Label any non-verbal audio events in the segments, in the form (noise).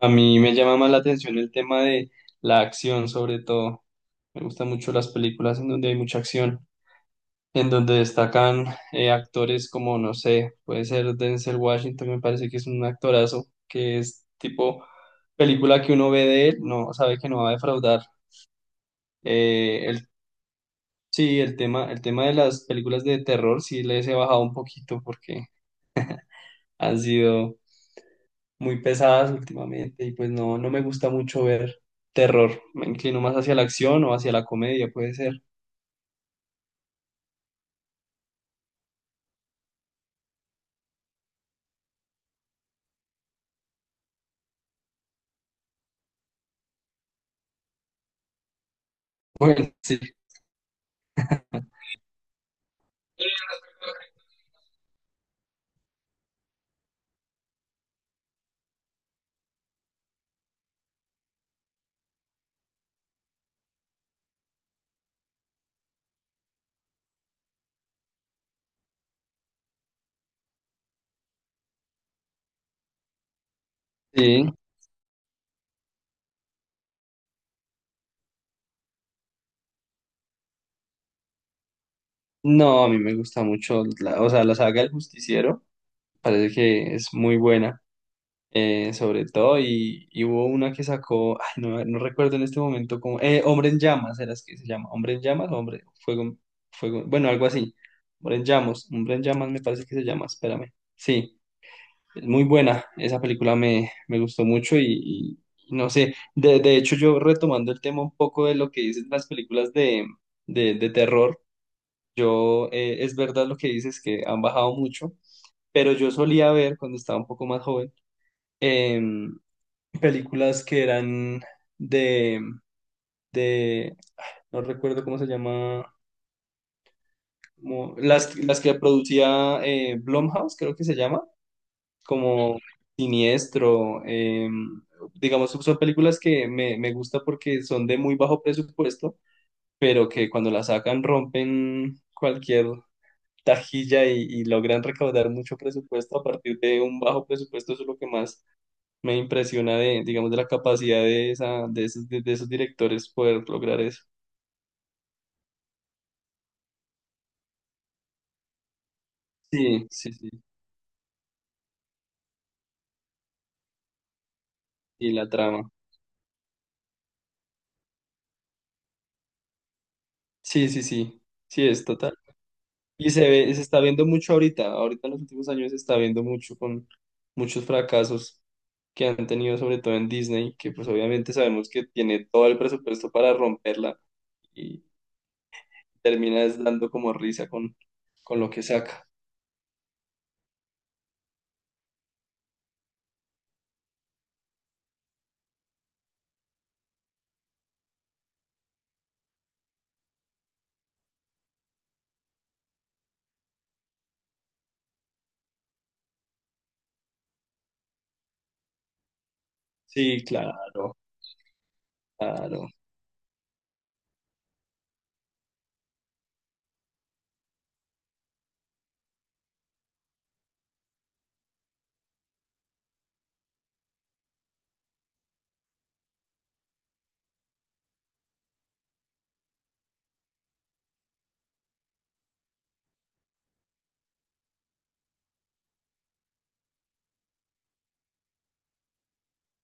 A mí me llama más la atención el tema de la acción, sobre todo. Me gustan mucho las películas en donde hay mucha acción, en donde destacan actores como, no sé, puede ser Denzel Washington, me parece que es un actorazo, que es tipo película que uno ve de él, no sabe que no va a defraudar. Eh, el, sí, el tema de las películas de terror sí les he bajado un poquito porque han sido muy pesadas últimamente y pues no me gusta mucho ver terror. Me inclino más hacia la acción o hacia la comedia, puede ser. Bueno, sí, sí. No, a mí me gusta mucho, o sea, la saga El Justiciero, parece que es muy buena. Sobre todo, y hubo una que sacó, ay, no recuerdo en este momento cómo, Hombre en Llamas, era que se llama, Hombre en Llamas, o Hombre, Fuego, Fuego, bueno, algo así, Hombre en Llamas me parece que se llama, espérame, sí. Es muy buena, esa película me gustó mucho y no sé, de hecho, yo retomando el tema un poco de lo que dicen las películas de terror, es verdad lo que dices que han bajado mucho, pero yo solía ver cuando estaba un poco más joven em, películas que eran de, de, no recuerdo cómo se llama, las que producía Blumhouse, creo que se llama como Siniestro. Digamos, son películas que me gusta porque son de muy bajo presupuesto, pero que cuando las sacan rompen cualquier tajilla y logran recaudar mucho presupuesto a partir de un bajo presupuesto. Eso es lo que más me impresiona de, digamos, de la capacidad de, esa, de esos directores poder lograr eso. Sí, sí, sí, y la trama. Sí, sí, sí, sí, es total. Y se está viendo mucho ahorita, ahorita en los últimos años se está viendo mucho con muchos fracasos que han tenido, sobre todo en Disney, que pues obviamente sabemos que tiene todo el presupuesto para romperla y termina es dando como risa con lo que saca. Sí, claro, claro,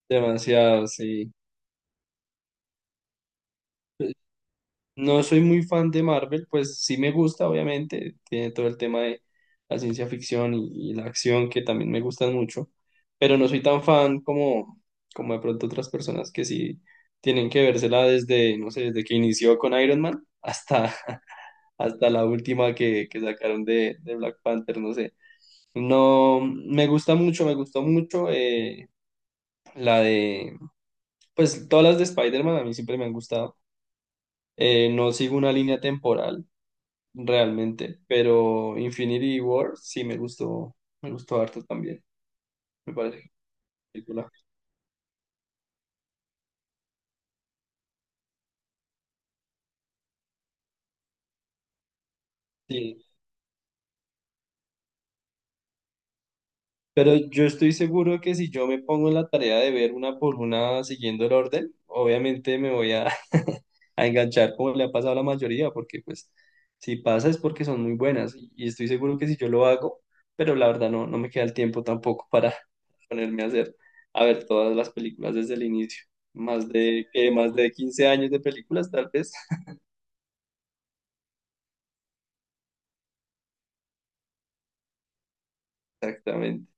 demasiado, sí. No soy muy fan de Marvel, pues sí me gusta, obviamente, tiene todo el tema de la ciencia ficción y la acción que también me gustan mucho, pero no soy tan fan como de pronto otras personas que sí tienen que vérsela desde, no sé, desde que inició con Iron Man hasta, (laughs) hasta la última que sacaron de Black Panther, no sé. No, me gusta mucho, me gustó mucho la de, pues todas las de Spider-Man a mí siempre me han gustado. No sigo una línea temporal realmente, pero Infinity War sí me gustó harto también, me parece que película. Sí, pero yo estoy seguro que si yo me pongo en la tarea de ver una por una siguiendo el orden, obviamente me voy a, (laughs) a enganchar como le ha pasado a la mayoría, porque pues si pasa es porque son muy buenas y estoy seguro que si yo lo hago, pero la verdad no me queda el tiempo tampoco para (laughs) ponerme a ver todas las películas desde el inicio. Más de 15 años de películas, tal vez. Exactamente.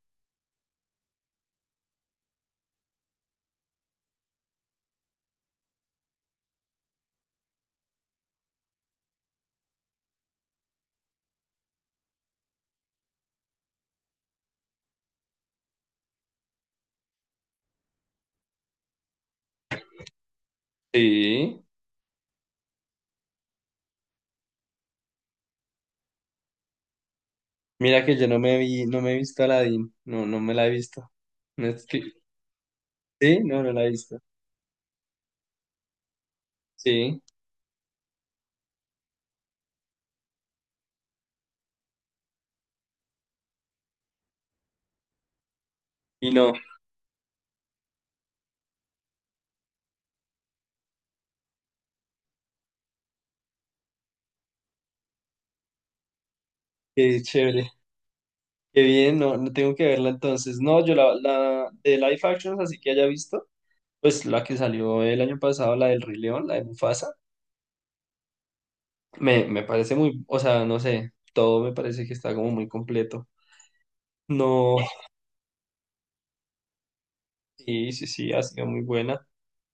Sí. Mira que yo no me he visto Aladdin. No, no me la he visto. No es que- sí, no la he visto. Sí. Y no, qué chévere. Qué bien, no tengo que verla entonces. No, yo la de live actions, así que haya visto, pues la que salió el año pasado, la del Rey León, la de Mufasa, me parece muy, o sea, no sé, todo me parece que está como muy completo. No, sí, sí, sí, ha sido muy buena.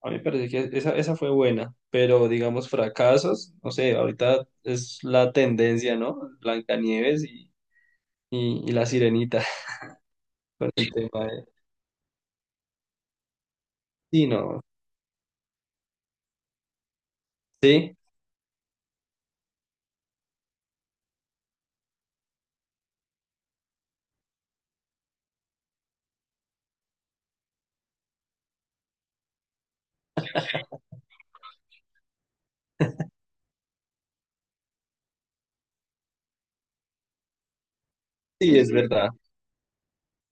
A mí me parece que esa fue buena, pero digamos fracasos, no sé, ahorita es la tendencia, ¿no? Blancanieves y la Sirenita (laughs) con el tema de... Sí, no, sí, sí, es verdad.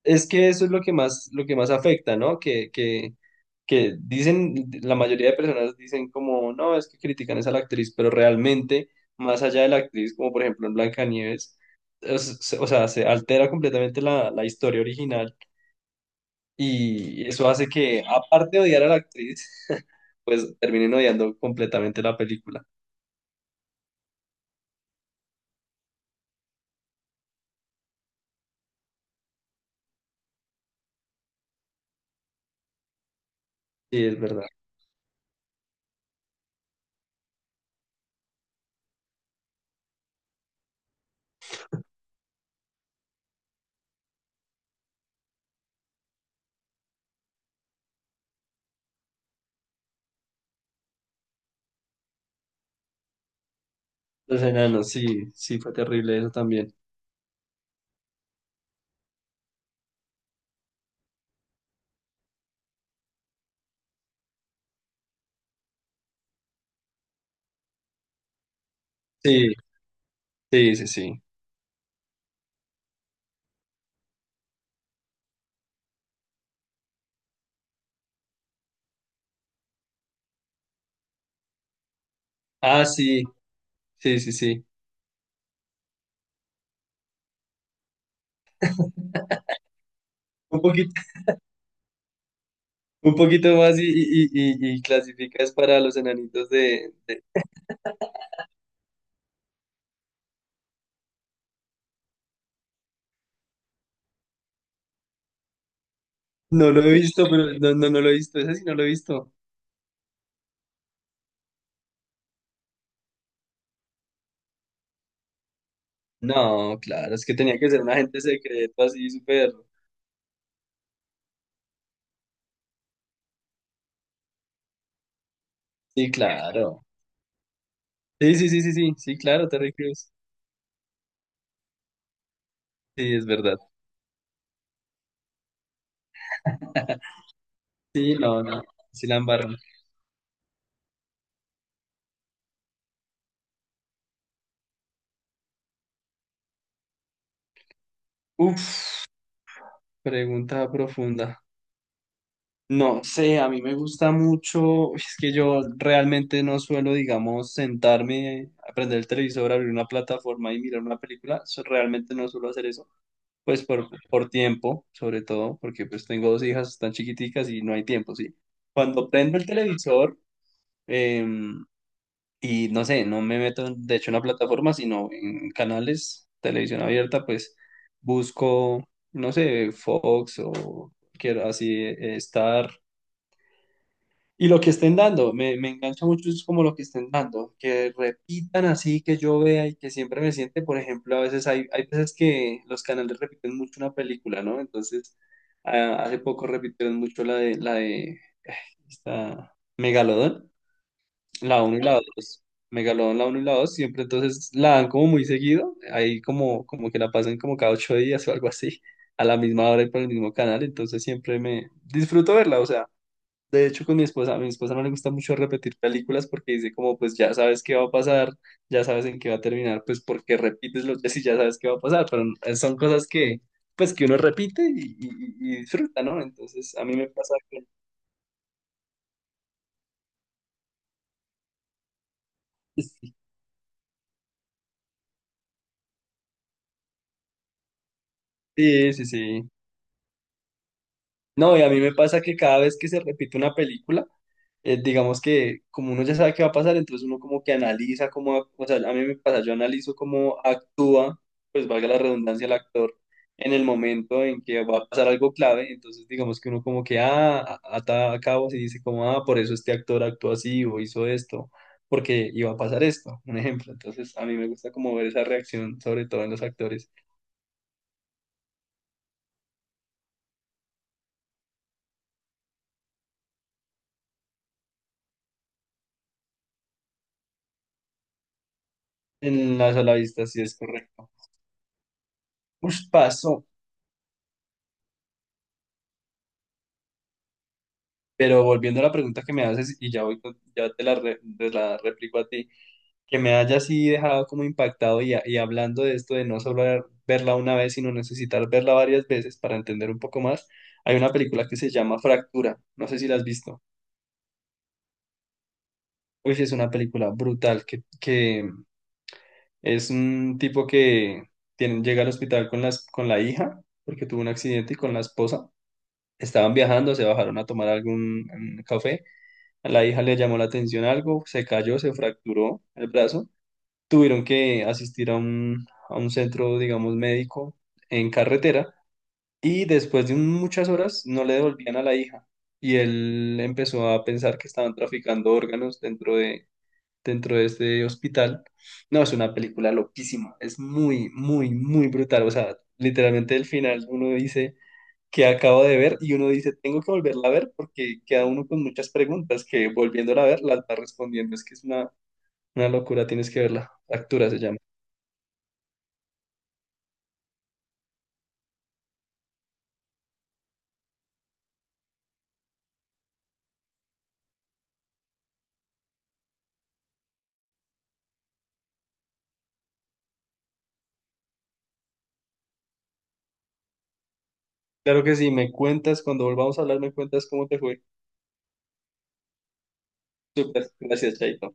Es que eso es lo que más, afecta, ¿no? Que dicen, la mayoría de personas dicen como, no, es que critican es a la actriz, pero realmente, más allá de la actriz, como por ejemplo en Blancanieves, o sea, se altera completamente la historia original y eso hace que, aparte de odiar a la actriz, (laughs) pues terminen odiando completamente la película. Sí, es verdad. Los enanos, sí, sí, fue terrible eso también. Sí, sí, sí, sí. Ah, sí, sí, sí, sí. Un poquito Un poquito más clasificas para los enanitos de... No lo he visto, pero no lo he visto. Ese sí no lo he visto. No, claro, es que tenía que ser un agente secreto así, súper... Sí, claro. Sí, sí, sí, sí, sí, sí, claro, Terry Crews. Sí, es verdad. (laughs) Sí, no, sí la embarran. Uf, pregunta profunda. No sé, a mí me gusta mucho, es que yo realmente no suelo, digamos, sentarme, a prender el televisor, abrir una plataforma y mirar una película, realmente no suelo hacer eso, pues por tiempo, sobre todo, porque pues tengo dos hijas tan chiquiticas y no hay tiempo, ¿sí? Cuando prendo el televisor, em, y no sé, no me meto, de hecho, en la plataforma, sino en canales, televisión abierta, pues busco, no sé, Fox o quiero así, Star. Y lo que estén dando, me engancha mucho es como lo que estén dando, que repitan así, que yo vea y que siempre me siente, por ejemplo, a veces hay veces que los canales repiten mucho una película, ¿no? Entonces, hace poco repitieron mucho la de esta Megalodón, la uno y la dos. Megalodón, la uno y la 2 siempre entonces la dan como muy seguido, ahí como que la pasan como cada 8 días o algo así, a la misma hora y por el mismo canal, entonces siempre me disfruto verla, o sea. De hecho, con mi esposa, a mi esposa no le gusta mucho repetir películas porque dice como, pues ya sabes qué va a pasar, ya sabes en qué va a terminar, pues porque repites los días y ya sabes qué va a pasar, pero son cosas que, pues que uno repite y disfruta, ¿no? Entonces, a mí me pasa que... Sí, sí, sí. No, y a mí me pasa que cada vez que se repite una película, digamos que como uno ya sabe qué va a pasar, entonces uno como que analiza cómo, o sea, a mí me pasa, yo analizo cómo actúa, pues valga la redundancia, el actor en el momento en que va a pasar algo clave, entonces digamos que uno como que, ah, ata cabos y dice como, ah, por eso este actor actuó así o hizo esto, porque iba a pasar esto, un ejemplo, entonces a mí me gusta como ver esa reacción, sobre todo en los actores, en la sola vista, sí es correcto. Ush, pasó. Pero volviendo a la pregunta que me haces, y ya, ya te la replico a ti, que me haya así dejado como impactado y hablando de esto de no solo verla una vez, sino necesitar verla varias veces para entender un poco más, hay una película que se llama Fractura, no sé si la has visto. Uy, sí, es una película brutal, que es un tipo que llega al hospital con la hija, porque tuvo un accidente, y con la esposa. Estaban viajando, se bajaron a tomar algún café. A la hija le llamó la atención algo, se cayó, se fracturó el brazo. Tuvieron que asistir a un centro, digamos, médico en carretera y después de muchas horas no le devolvían a la hija. Y él empezó a pensar que estaban traficando órganos dentro de este hospital. No, es una película loquísima, es muy, muy, muy brutal. O sea, literalmente el final uno dice que acabo de ver y uno dice, tengo que volverla a ver porque queda uno con muchas preguntas que volviéndola a ver las va respondiendo. Es que es una locura, tienes que verla. Factura se llama. Claro que sí, me cuentas, cuando volvamos a hablar, me cuentas cómo te fue. Súper, gracias, Chaito.